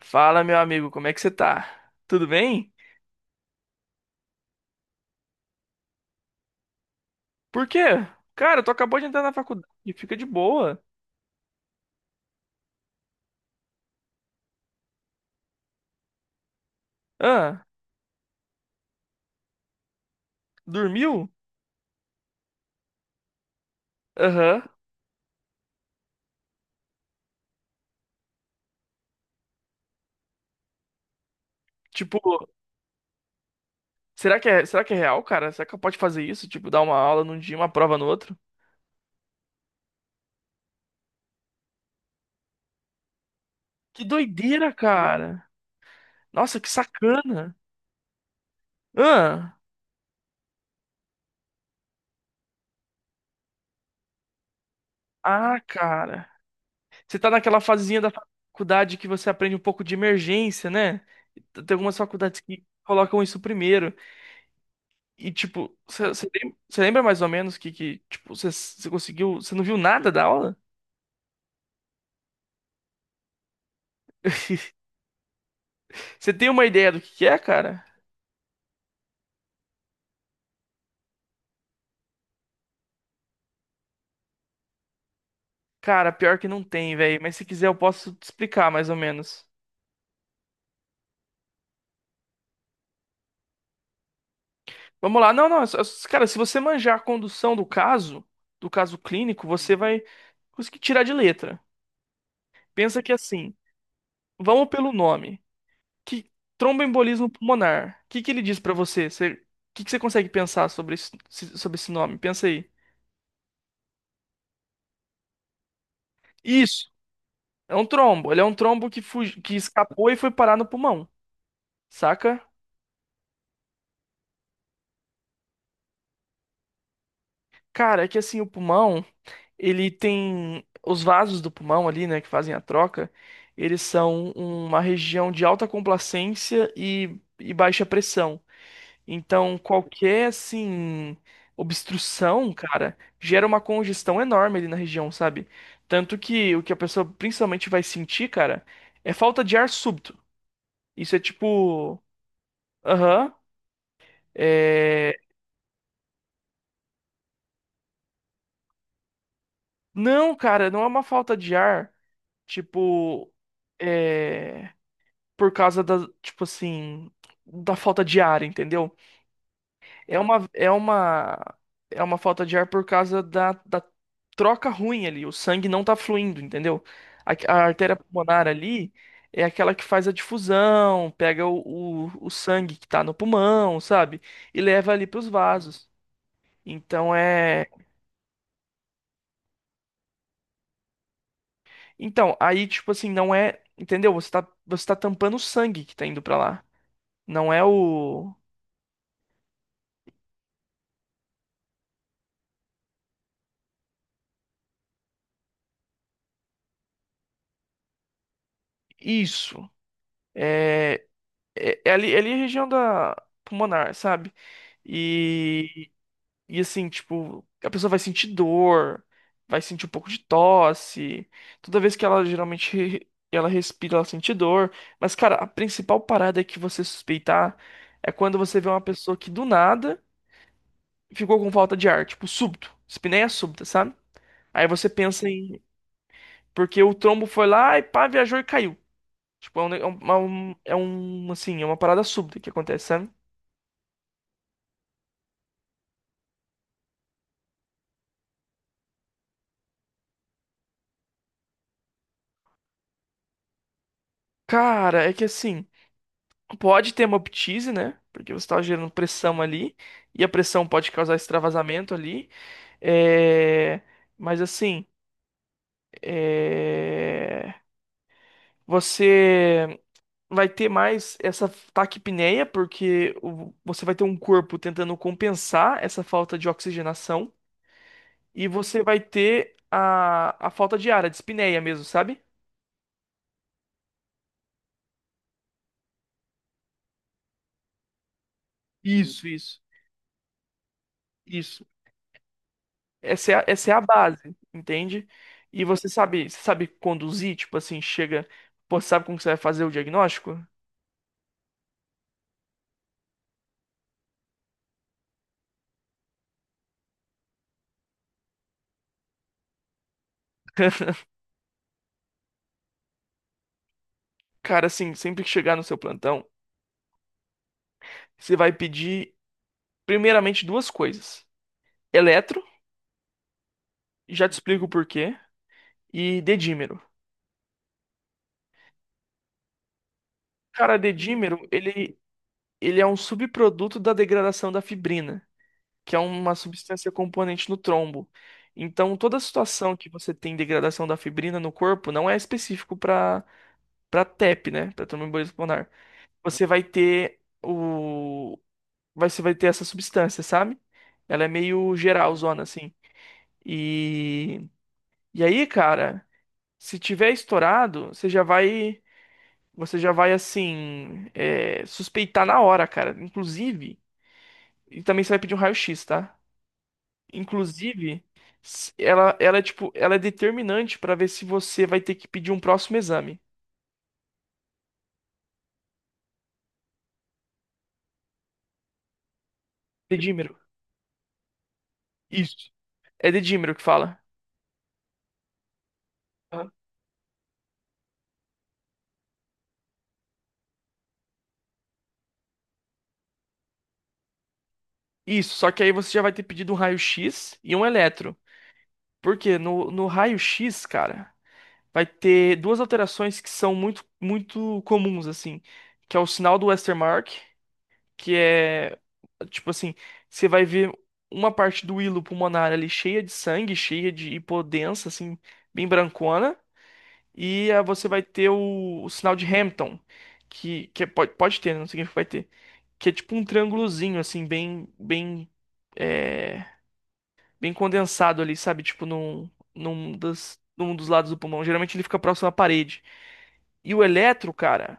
Fala, meu amigo, como é que você tá? Tudo bem? Por quê? Cara, tu acabou de entrar na faculdade, fica de boa. Ah, dormiu? Aham. Tipo, será que é real, cara? Será que pode fazer isso? Tipo, dar uma aula num dia, e uma prova no outro? Que doideira, cara. Nossa, que sacana. Ah, ah, cara. Você tá naquela fasezinha da faculdade que você aprende um pouco de emergência, né? Tem algumas faculdades que colocam isso primeiro. E, tipo, você lembra mais ou menos que tipo, você conseguiu. Você não viu nada da aula? Você tem uma ideia do que é, cara? Cara, pior que não tem, velho. Mas se quiser, eu posso te explicar mais ou menos. Vamos lá. Não, não. Cara, se você manjar a condução do caso clínico, você vai conseguir tirar de letra. Pensa que assim, vamos pelo nome. Que tromboembolismo pulmonar. O que que ele diz pra você? O que que você consegue pensar sobre esse nome? Pensa aí. Isso. É um trombo. Ele é um trombo que, que escapou e foi parar no pulmão, saca? Cara, é que assim, o pulmão, ele tem. Os vasos do pulmão ali, né, que fazem a troca, eles são uma região de alta complacência e baixa pressão. Então, qualquer, assim, obstrução, cara, gera uma congestão enorme ali na região, sabe? Tanto que o que a pessoa principalmente vai sentir, cara, é falta de ar súbito. Isso é tipo. Aham. É, Não, cara, não é uma falta de ar, tipo, é, por causa da, tipo assim, da falta de ar, entendeu? É uma, é uma, é uma falta de ar por causa da troca ruim ali, o sangue não tá fluindo, entendeu? A artéria pulmonar ali é aquela que faz a difusão, pega o sangue que tá no pulmão, sabe? E leva ali pros vasos. Então é. Então, aí, tipo assim, não é. Entendeu? Você tá tampando o sangue que tá indo pra lá. Não é o. Isso. É, é, é ali a região da pulmonar, sabe? E, e assim, tipo, a pessoa vai sentir dor, vai sentir um pouco de tosse. Toda vez que ela geralmente ela respira, ela sente dor. Mas, cara, a principal parada que você suspeitar é quando você vê uma pessoa que do nada ficou com falta de ar, tipo, súbito, espineia súbita, sabe? Aí você pensa em. Porque o trombo foi lá e pá, viajou e caiu. Tipo, é um, ne- é um, é um, é um, assim, é uma parada súbita que acontece, sabe? Cara, é que assim, pode ter uma ptise, né? Porque você tá gerando pressão ali, e a pressão pode causar extravasamento ali. É... Mas assim, é... você vai ter mais essa taquipneia, porque você vai ter um corpo tentando compensar essa falta de oxigenação. E você vai ter a falta de ar, a dispneia mesmo, sabe? Isso, isso, isso. Essa é a base, entende? E você sabe conduzir, tipo assim, chega, pô, sabe como que você vai fazer o diagnóstico? Cara, assim, sempre que chegar no seu plantão, você vai pedir primeiramente duas coisas: eletro, já te explico o porquê, e dedímero. Cara, dedímero, ele é um subproduto da degradação da fibrina, que é uma substância componente no trombo. Então, toda situação que você tem degradação da fibrina no corpo não é específico para TEP, né? Para tromboembolismo pulmonar. Você vai ter o você vai ter essa substância, sabe? Ela é meio geral, zona assim. E e aí, cara, se tiver estourado, você já vai, suspeitar na hora, cara. Inclusive, e também você vai pedir um raio-x, tá? Inclusive, ela, ela é tipo, ela é determinante pra ver se você vai ter que pedir um próximo exame. Dedímero. Isso. É dedímero que fala. Aham. Isso, só que aí você já vai ter pedido um raio-x e um eletro. Porque no raio-x, cara, vai ter duas alterações que são muito, muito comuns, assim. Que é o sinal do Westermarck, que é, tipo assim, você vai ver uma parte do hilo pulmonar ali cheia de sangue, cheia de hipodensa, assim, bem brancona. E ah, você vai ter o sinal de Hampton, pode, pode ter, né? Não significa que vai ter. Que é tipo um triângulozinho, assim, é, bem condensado ali, sabe? Tipo num dos lados do pulmão. Geralmente ele fica próximo à parede. E o eletro, cara,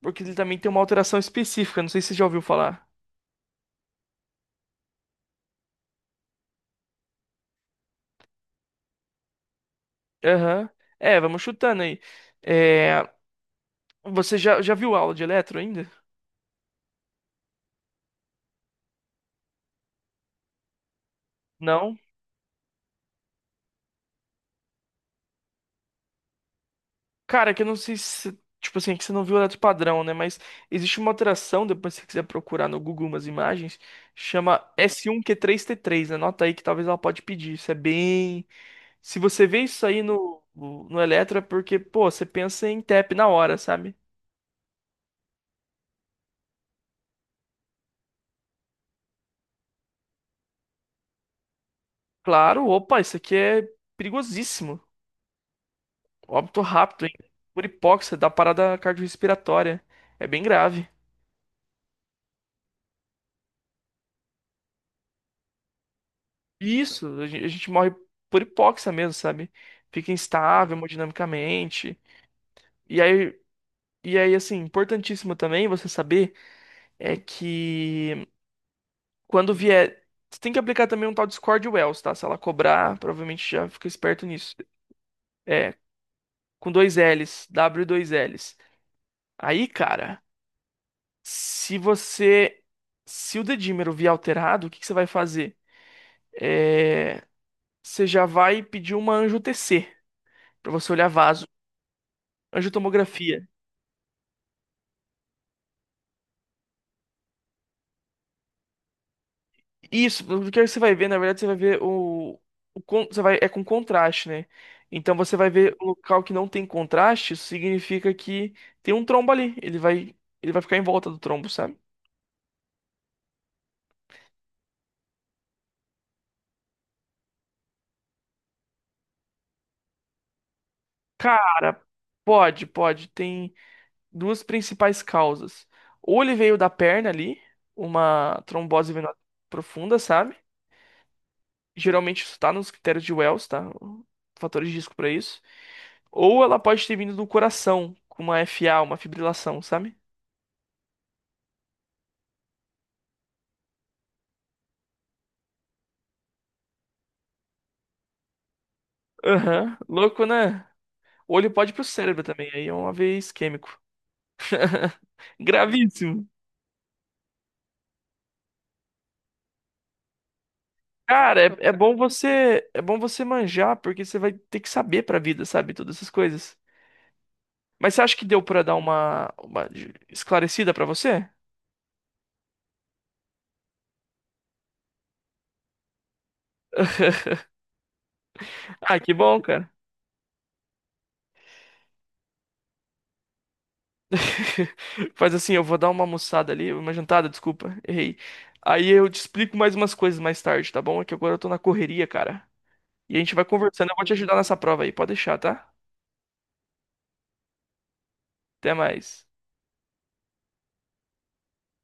porque ele também tem uma alteração específica, não sei se você já ouviu falar. Aham. É, vamos chutando aí. É, você já viu aula de eletro ainda? Não? Cara, que eu não sei se. Tipo assim, é que você não viu o Eletro Padrão, né? Mas existe uma alteração, depois se você quiser procurar no Google umas imagens, chama S1Q3T3. Anota aí que talvez ela pode pedir. Isso é bem. Se você vê isso aí no Eletro, é porque, pô, você pensa em TEP na hora, sabe? Claro, opa, isso aqui é perigosíssimo. Óbito rápido, hein? Por hipóxia, dá parada cardiorrespiratória. É bem grave. Isso, a gente morre por hipóxia mesmo, sabe? Fica instável hemodinamicamente. E aí, e aí, assim, importantíssimo também você saber é que quando vier. Você tem que aplicar também um tal de Scored Wells, tá? Se ela cobrar, provavelmente já fica esperto nisso. É, com dois L's, W e dois L's. Aí, cara, se você. Se o dedímero vier alterado, o que que você vai fazer? É, você já vai pedir uma anjo TC, pra você olhar vaso, angiotomografia. Isso, o que você vai ver, na verdade, você vai ver o, você vai, é com contraste, né? Então você vai ver o local que não tem contraste, isso significa que tem um trombo ali. Ele vai ficar em volta do trombo, sabe? Cara, pode, pode. Tem duas principais causas. Ou ele veio da perna ali, uma trombose venosa profunda, sabe? Geralmente isso tá nos critérios de Wells, tá? Fatores de risco pra isso. Ou ela pode ter vindo do coração, com uma FA, uma fibrilação, sabe? Aham. Louco, né? O olho pode ir pro cérebro também, aí é um AVE isquêmico. Gravíssimo. Cara, é bom você manjar, porque você vai ter que saber pra vida, sabe? Todas essas coisas. Mas você acha que deu pra dar uma esclarecida pra você? Ah, que bom, cara. Faz assim, eu vou dar uma almoçada ali, uma jantada, desculpa, errei. Aí eu te explico mais umas coisas mais tarde, tá bom? É que agora eu tô na correria, cara. E a gente vai conversando, eu vou te ajudar nessa prova aí, pode deixar, tá? Até mais.